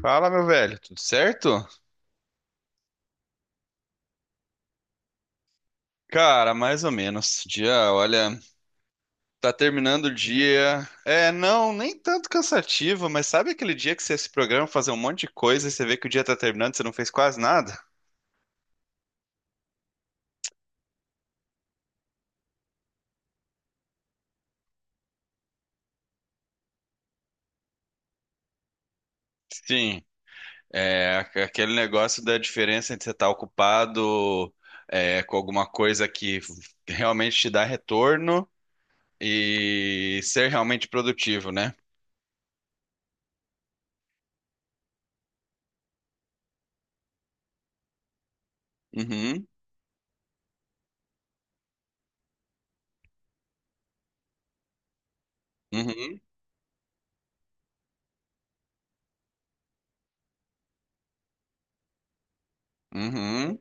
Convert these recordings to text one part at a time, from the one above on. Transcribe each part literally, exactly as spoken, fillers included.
Fala, meu velho, tudo certo? Cara, mais ou menos. Dia, olha, tá terminando o dia. É, não, nem tanto cansativo, mas sabe aquele dia que você se programa pra fazer um monte de coisa e você vê que o dia tá terminando e você não fez quase nada? Sim, é aqu- aquele negócio da diferença entre você estar ocupado, é, com alguma coisa que realmente te dá retorno e ser realmente produtivo, né? Uhum, uhum, uhum.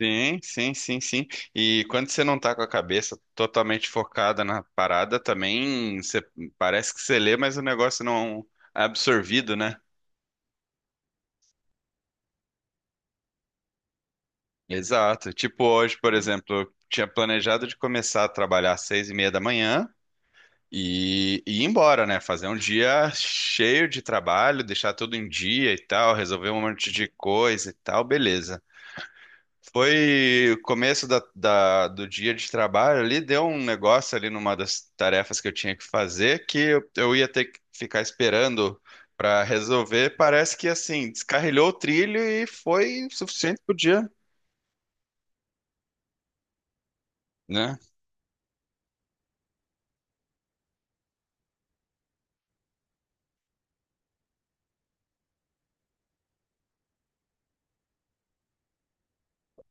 Sim, sim, sim, sim. E quando você não tá com a cabeça totalmente focada na parada, também você, parece que você lê, mas o negócio não é absorvido, né? Exato. Tipo hoje, por exemplo, eu tinha planejado de começar a trabalhar às seis e meia da manhã e, e ir embora, né? Fazer um dia cheio de trabalho, deixar tudo em dia e tal, resolver um monte de coisa e tal, beleza. Foi o começo da, da- do dia de trabalho ali, deu um negócio ali numa das tarefas que eu tinha que fazer que eu, eu ia ter que ficar esperando para resolver. Parece que assim, descarrilhou o trilho e foi o suficiente pro dia, né?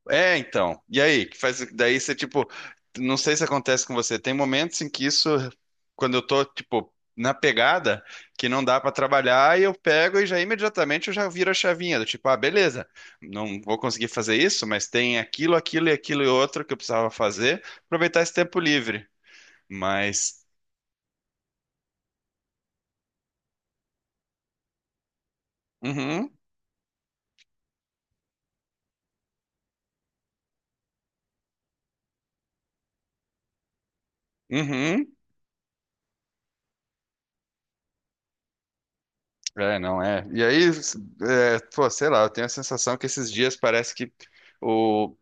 É, então. E aí, que faz daí você tipo, não sei se acontece com você, tem momentos em que isso, quando eu tô tipo na pegada que não dá pra trabalhar e eu pego e já imediatamente eu já viro a chavinha do tipo, ah, beleza, não vou conseguir fazer isso, mas tem aquilo, aquilo e aquilo e outro que eu precisava fazer, aproveitar esse tempo livre. Mas. Uhum, uhum. É, não é. E aí, é, pô, sei lá, eu tenho a sensação que esses dias parece que o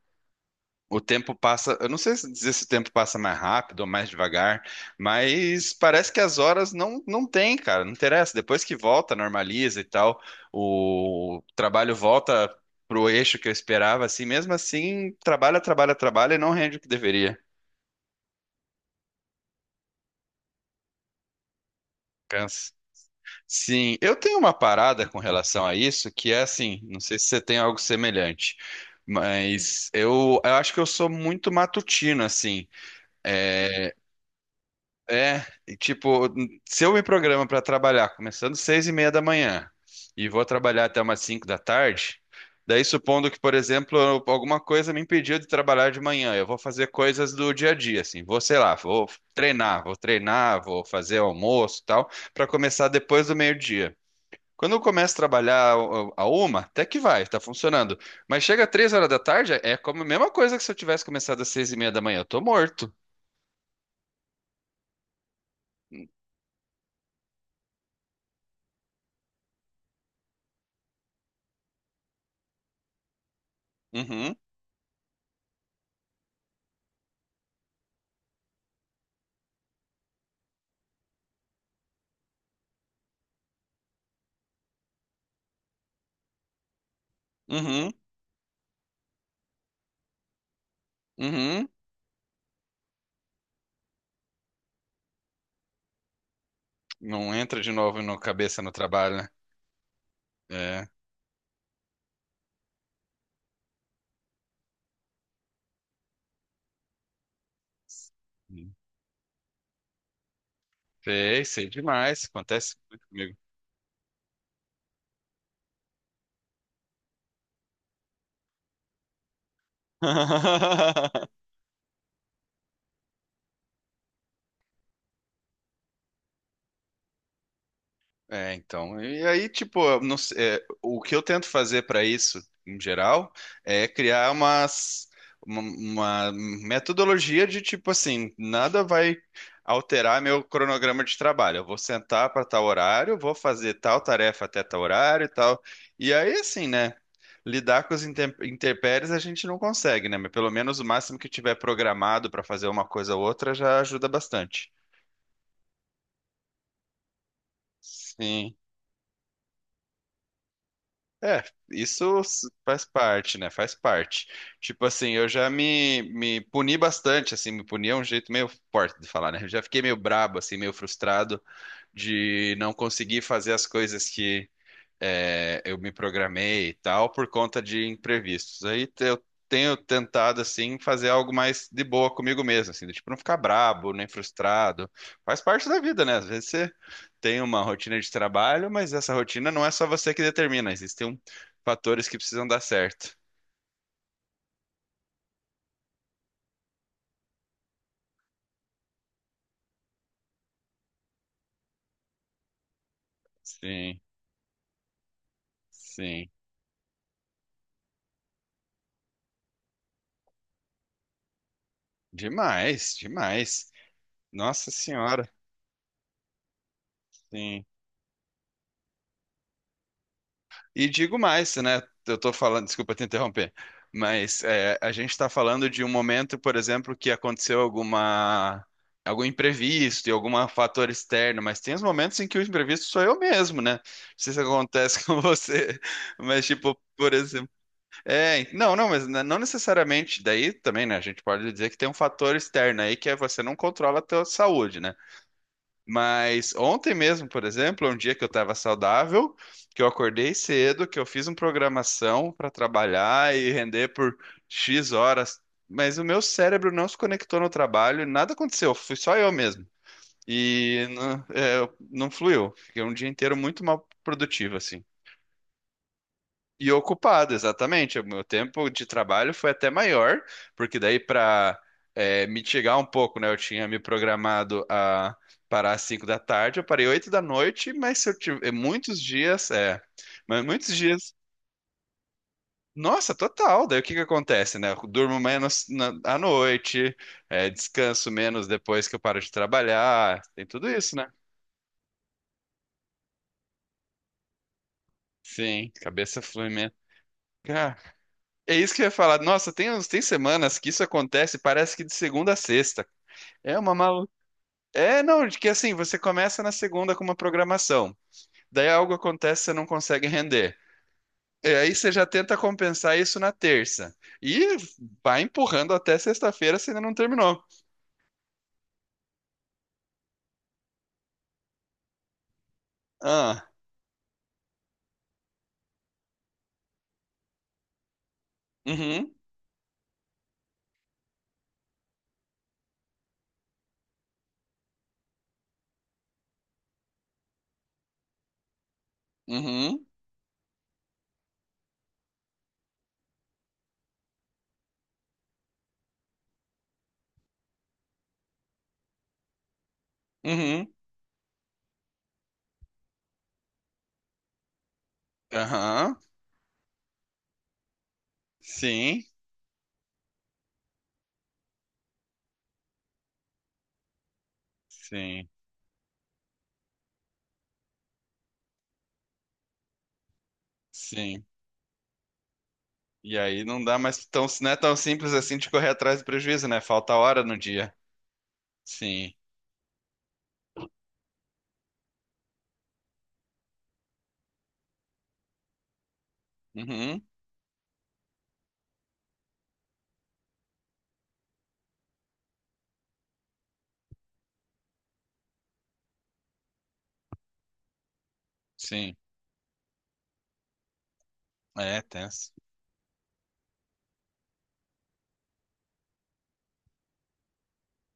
O tempo passa, eu não sei se dizer se o tempo passa mais rápido ou mais devagar, mas parece que as horas não, não tem, cara, não interessa. Depois que volta, normaliza e tal, o trabalho volta pro eixo que eu esperava, assim, mesmo assim, trabalha, trabalha, trabalha e não rende o que deveria. Cansa. Sim, eu tenho uma parada com relação a isso, que é assim, não sei se você tem algo semelhante, mas eu, eu acho que eu sou muito matutino, assim. É, e tipo, se eu me programo para trabalhar começando seis e meia da manhã e vou trabalhar até umas cinco da tarde, daí supondo que, por exemplo, eu- alguma coisa me impediu de trabalhar de manhã, eu vou fazer coisas do dia a dia, assim, vou, sei lá, vou treinar, vou treinar, vou fazer almoço e tal, para começar depois do meio-dia. Quando eu começo a trabalhar a a uma, até que vai, tá funcionando. Mas chega três horas da tarde, é como a mesma coisa que se eu tivesse começado às seis e meia da manhã, eu tô morto. Uhum, uhum, uhum. Não entra de novo no cabeça no trabalho, né? É. Sei, sei demais. Acontece muito comigo. É, então. E aí, tipo, eu não se- é, o que eu tento fazer para isso, em geral, é criar umas, uma, uma metodologia de tipo assim, nada vai alterar meu cronograma de trabalho. Eu vou sentar para tal horário, vou fazer tal tarefa até tal horário e tal. E aí, assim, né? Lidar com os intem- intempéries a gente não consegue, né? Mas pelo menos o máximo que tiver programado para fazer uma coisa ou outra já ajuda bastante. Sim. É, isso s- faz parte, né? Faz parte. Tipo assim, eu já me, me puni bastante, assim, me puni é um jeito meio forte de falar, né? Eu já fiquei meio brabo, assim, meio frustrado de não conseguir fazer as coisas, é, eu me programei e tal por conta de imprevistos. Aí te- eu tenho tentado assim fazer algo mais de boa comigo mesmo, assim, do tipo não ficar brabo, nem frustrado. Faz parte da vida, né? Às vezes você tem uma rotina de trabalho, mas essa rotina não é só você que determina, existem um- fatores que precisam dar certo. Sim, sim. Demais, demais. Nossa Senhora. Sim. E digo mais, né? Eu tô falando, desculpa te interromper, mas é, a gente está falando de um momento, por exemplo, que aconteceu alguma algum imprevisto e algum fator externo, mas tem os momentos em que o imprevisto sou eu mesmo, né? Não sei se acontece com você, mas tipo, por exemplo, é, não, não, mas n- não necessariamente. Daí também, né? A gente pode dizer que tem um fator externo aí que é você não controla a tua saúde, né? Mas ontem mesmo, por exemplo, é um dia que eu estava saudável, que eu acordei cedo, que eu fiz uma programação para trabalhar e render por X horas, mas o meu cérebro não se conectou no trabalho, e nada aconteceu, fui só eu mesmo. E não, é, não fluiu. Fiquei um dia inteiro muito mal produtivo, assim. E ocupado, exatamente. O meu tempo de trabalho foi até maior, porque daí para mitigar um pouco, né? Eu tinha me programado a parar às cinco da tarde, eu parei oito da noite, mas se eu tiver muitos dias, é, mas muitos dias. Nossa, total. Daí o que que acontece, né? Eu durmo menos na- à noite, é, descanso menos depois que eu paro de trabalhar, tem tudo isso, né? Sim, cabeça flui menos. É isso que eu ia falar. Nossa, tem, uns- tem semanas que isso acontece, parece que de segunda a sexta. É uma malu... É, não, de que assim, você começa na segunda com uma programação. Daí algo acontece, você não consegue render. E aí você já tenta compensar isso na terça. E vai empurrando até sexta-feira, você ainda não terminou. Ah, uhum, uhum, uhum, aham, sim, sim, sim. E aí não dá mais tão, não é tão simples assim de correr atrás do prejuízo, né? Falta hora no dia. Sim. Uhum. Sim, é tenso.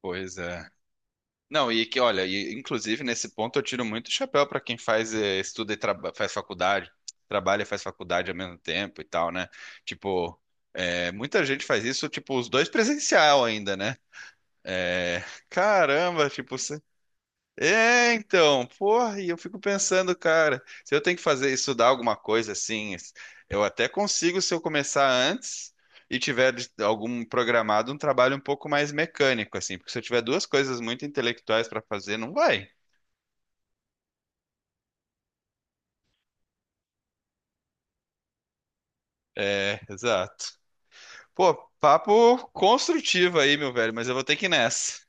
Pois é. Não, e que, olha, e, inclusive nesse ponto eu tiro muito chapéu para quem faz, eh, estuda e traba- faz faculdade, trabalha e faz faculdade ao mesmo tempo e tal, né? Tipo, eh, muita gente faz isso, tipo, os dois presencial ainda, né? Eh, caramba, tipo, é, então, porra, e eu fico pensando, cara, se eu tenho que fazer estudar alguma coisa assim, eu até consigo se eu começar antes e tiver de- algum programado, um trabalho um pouco mais mecânico assim, porque se eu tiver duas coisas muito intelectuais para fazer, não vai. É, exato. Pô, papo construtivo aí, meu velho, mas eu vou ter que ir nessa.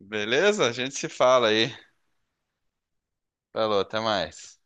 Beleza? A gente se fala aí. Falou, até mais.